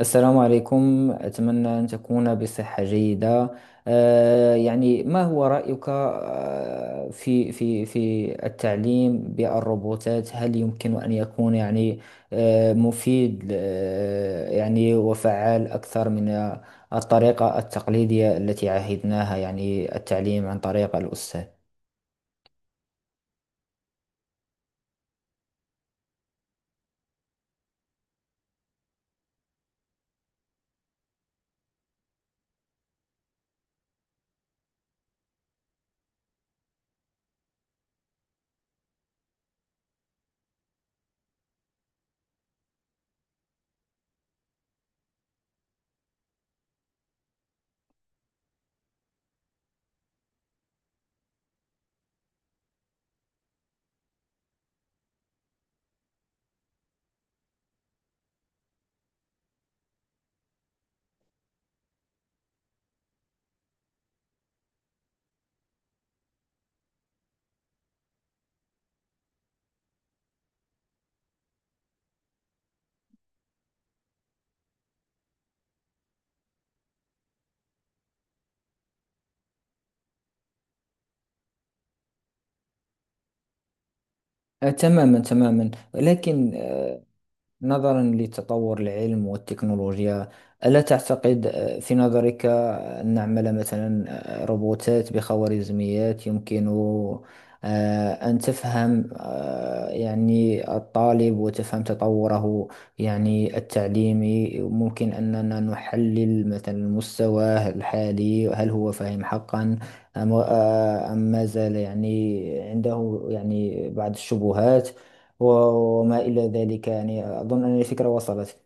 السلام عليكم، أتمنى أن تكون بصحة جيدة. يعني ما هو رأيك في في التعليم بالروبوتات؟ هل يمكن أن يكون يعني مفيد يعني وفعال أكثر من الطريقة التقليدية التي عهدناها؟ يعني التعليم عن طريق الأستاذ. تماما تماما. لكن نظرا لتطور العلم والتكنولوجيا، ألا تعتقد في نظرك أن نعمل مثلا روبوتات بخوارزميات يمكن أن تفهم يعني الطالب وتفهم تطوره يعني التعليمي؟ ممكن أننا نحلل مثلا مستواه الحالي، هل هو فاهم حقا أم ما زال يعني عنده يعني بعض الشبهات وما إلى ذلك. يعني أظن أن الفكرة وصلت.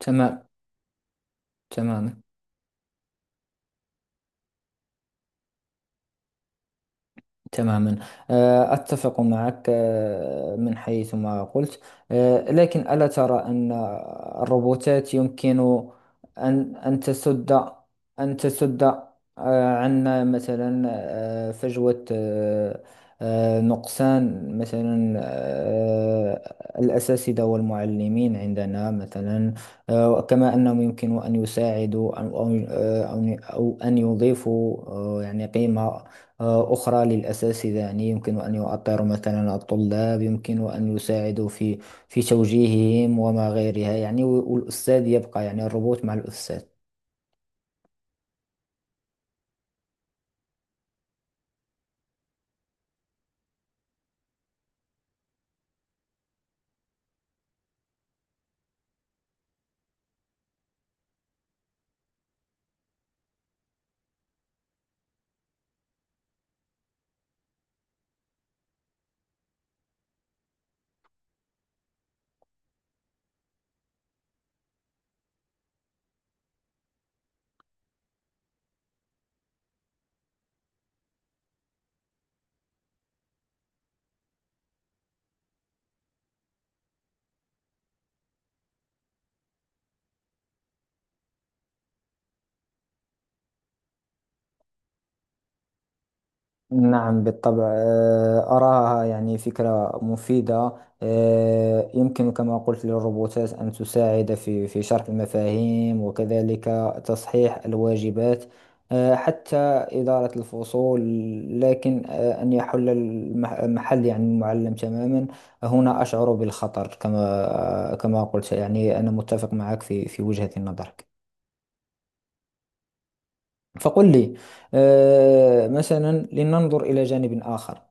تمام. تمام. تماما، أتفق معك من حيث ما قلت. لكن ألا ترى أن الروبوتات يمكن أن تسد، أن تسد عنا مثلا فجوة، نقصان مثلا الأساتذة والمعلمين عندنا مثلا؟ كما أنهم يمكن أن يساعدوا أو أن يضيفوا يعني قيمة أخرى للأساتذة. يعني يمكن أن يؤطروا مثلا الطلاب، يمكن أن يساعدوا في توجيههم وما غيرها. يعني والأستاذ يبقى، يعني الربط مع الأستاذ. نعم بالطبع، أراها يعني فكرة مفيدة. يمكن كما قلت للروبوتات أن تساعد في شرح المفاهيم، وكذلك تصحيح الواجبات، حتى إدارة الفصول. لكن أن يحل محل يعني المعلم تماما، هنا أشعر بالخطر. كما قلت، يعني أنا متفق معك في وجهة النظر. فقل لي مثلا، لننظر إلى جانب آخر.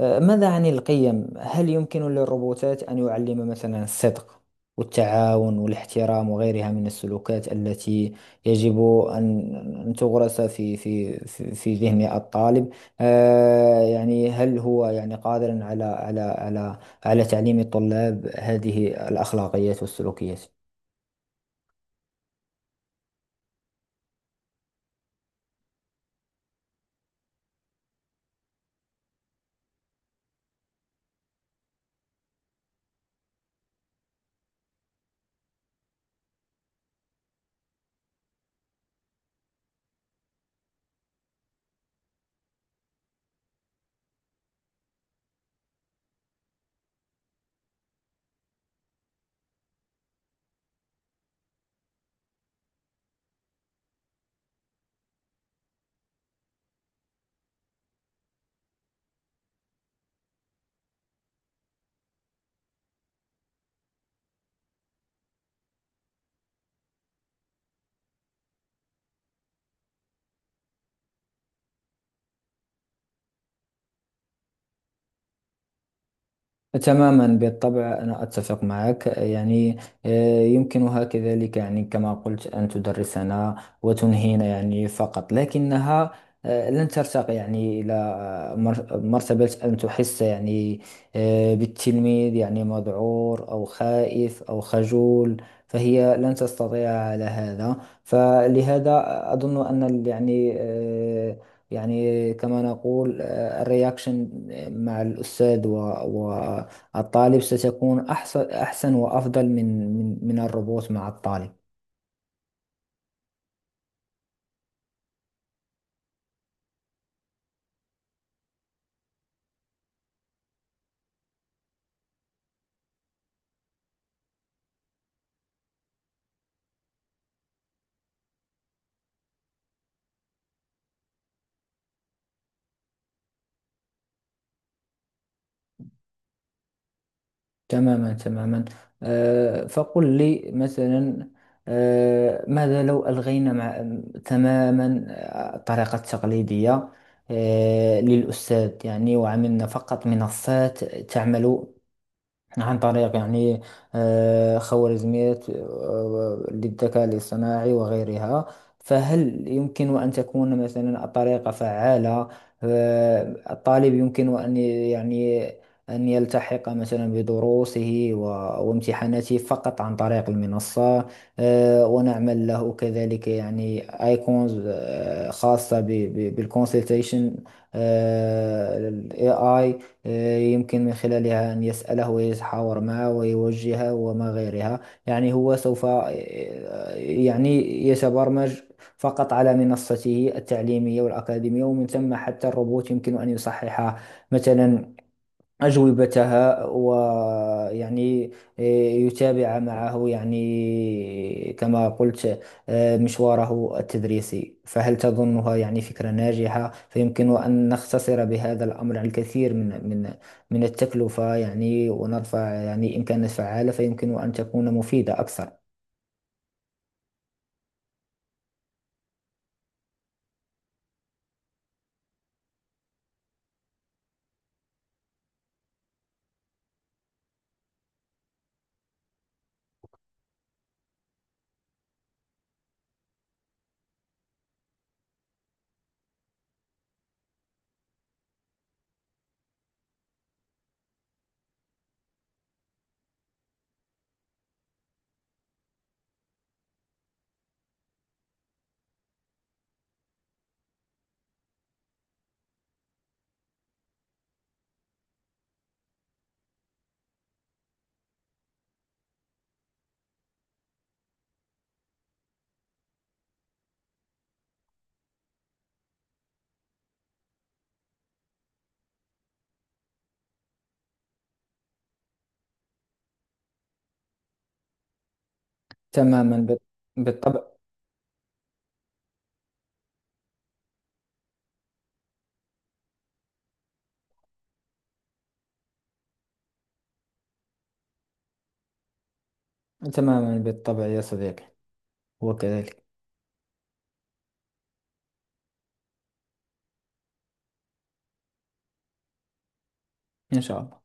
ماذا عن القيم؟ هل يمكن للروبوتات أن يعلم مثلا الصدق والتعاون والاحترام وغيرها من السلوكات التي يجب أن تغرس في ذهن الطالب؟ يعني هل هو يعني قادر على على تعليم الطلاب هذه الأخلاقيات والسلوكيات؟ تماما بالطبع، أنا أتفق معك. يعني يمكنها كذلك يعني كما قلت أن تدرسنا وتنهينا يعني فقط، لكنها لن ترتقي يعني إلى مرتبة أن تحس يعني بالتلميذ، يعني مذعور أو خائف أو خجول. فهي لن تستطيع على هذا. فلهذا أظن أن يعني يعني كما نقول الرياكشن مع الأستاذ و الطالب ستكون أحسن، أحسن وأفضل من الروبوت مع الطالب. تماما تماما. فقل لي مثلا، ماذا لو ألغينا مع تماما الطريقة التقليدية للأستاذ، يعني وعملنا فقط منصات تعمل عن طريق يعني خوارزميات للذكاء الاصطناعي وغيرها؟ فهل يمكن أن تكون مثلا الطريقة فعالة؟ الطالب يمكن أن يعني أن يلتحق مثلا بدروسه وامتحاناته فقط عن طريق المنصة. ونعمل له كذلك يعني ايكونز خاصة بالكونسلتيشن اي اي، يمكن من خلالها أن يسأله ويتحاور معه ويوجهه وما غيرها. يعني هو سوف يعني يتبرمج فقط على منصته التعليمية والأكاديمية، ومن ثم حتى الروبوت يمكن أن يصحح مثلا أجوبتها، ويعني يتابع معه يعني كما قلت مشواره التدريسي. فهل تظنها يعني فكرة ناجحة؟ فيمكن أن نختصر بهذا الأمر الكثير من التكلفة، يعني ونرفع يعني إن كانت فعالة فيمكن أن تكون مفيدة أكثر. تماما بال- بالطبع. تماما بالطبع يا صديقي. وكذلك إن شاء الله.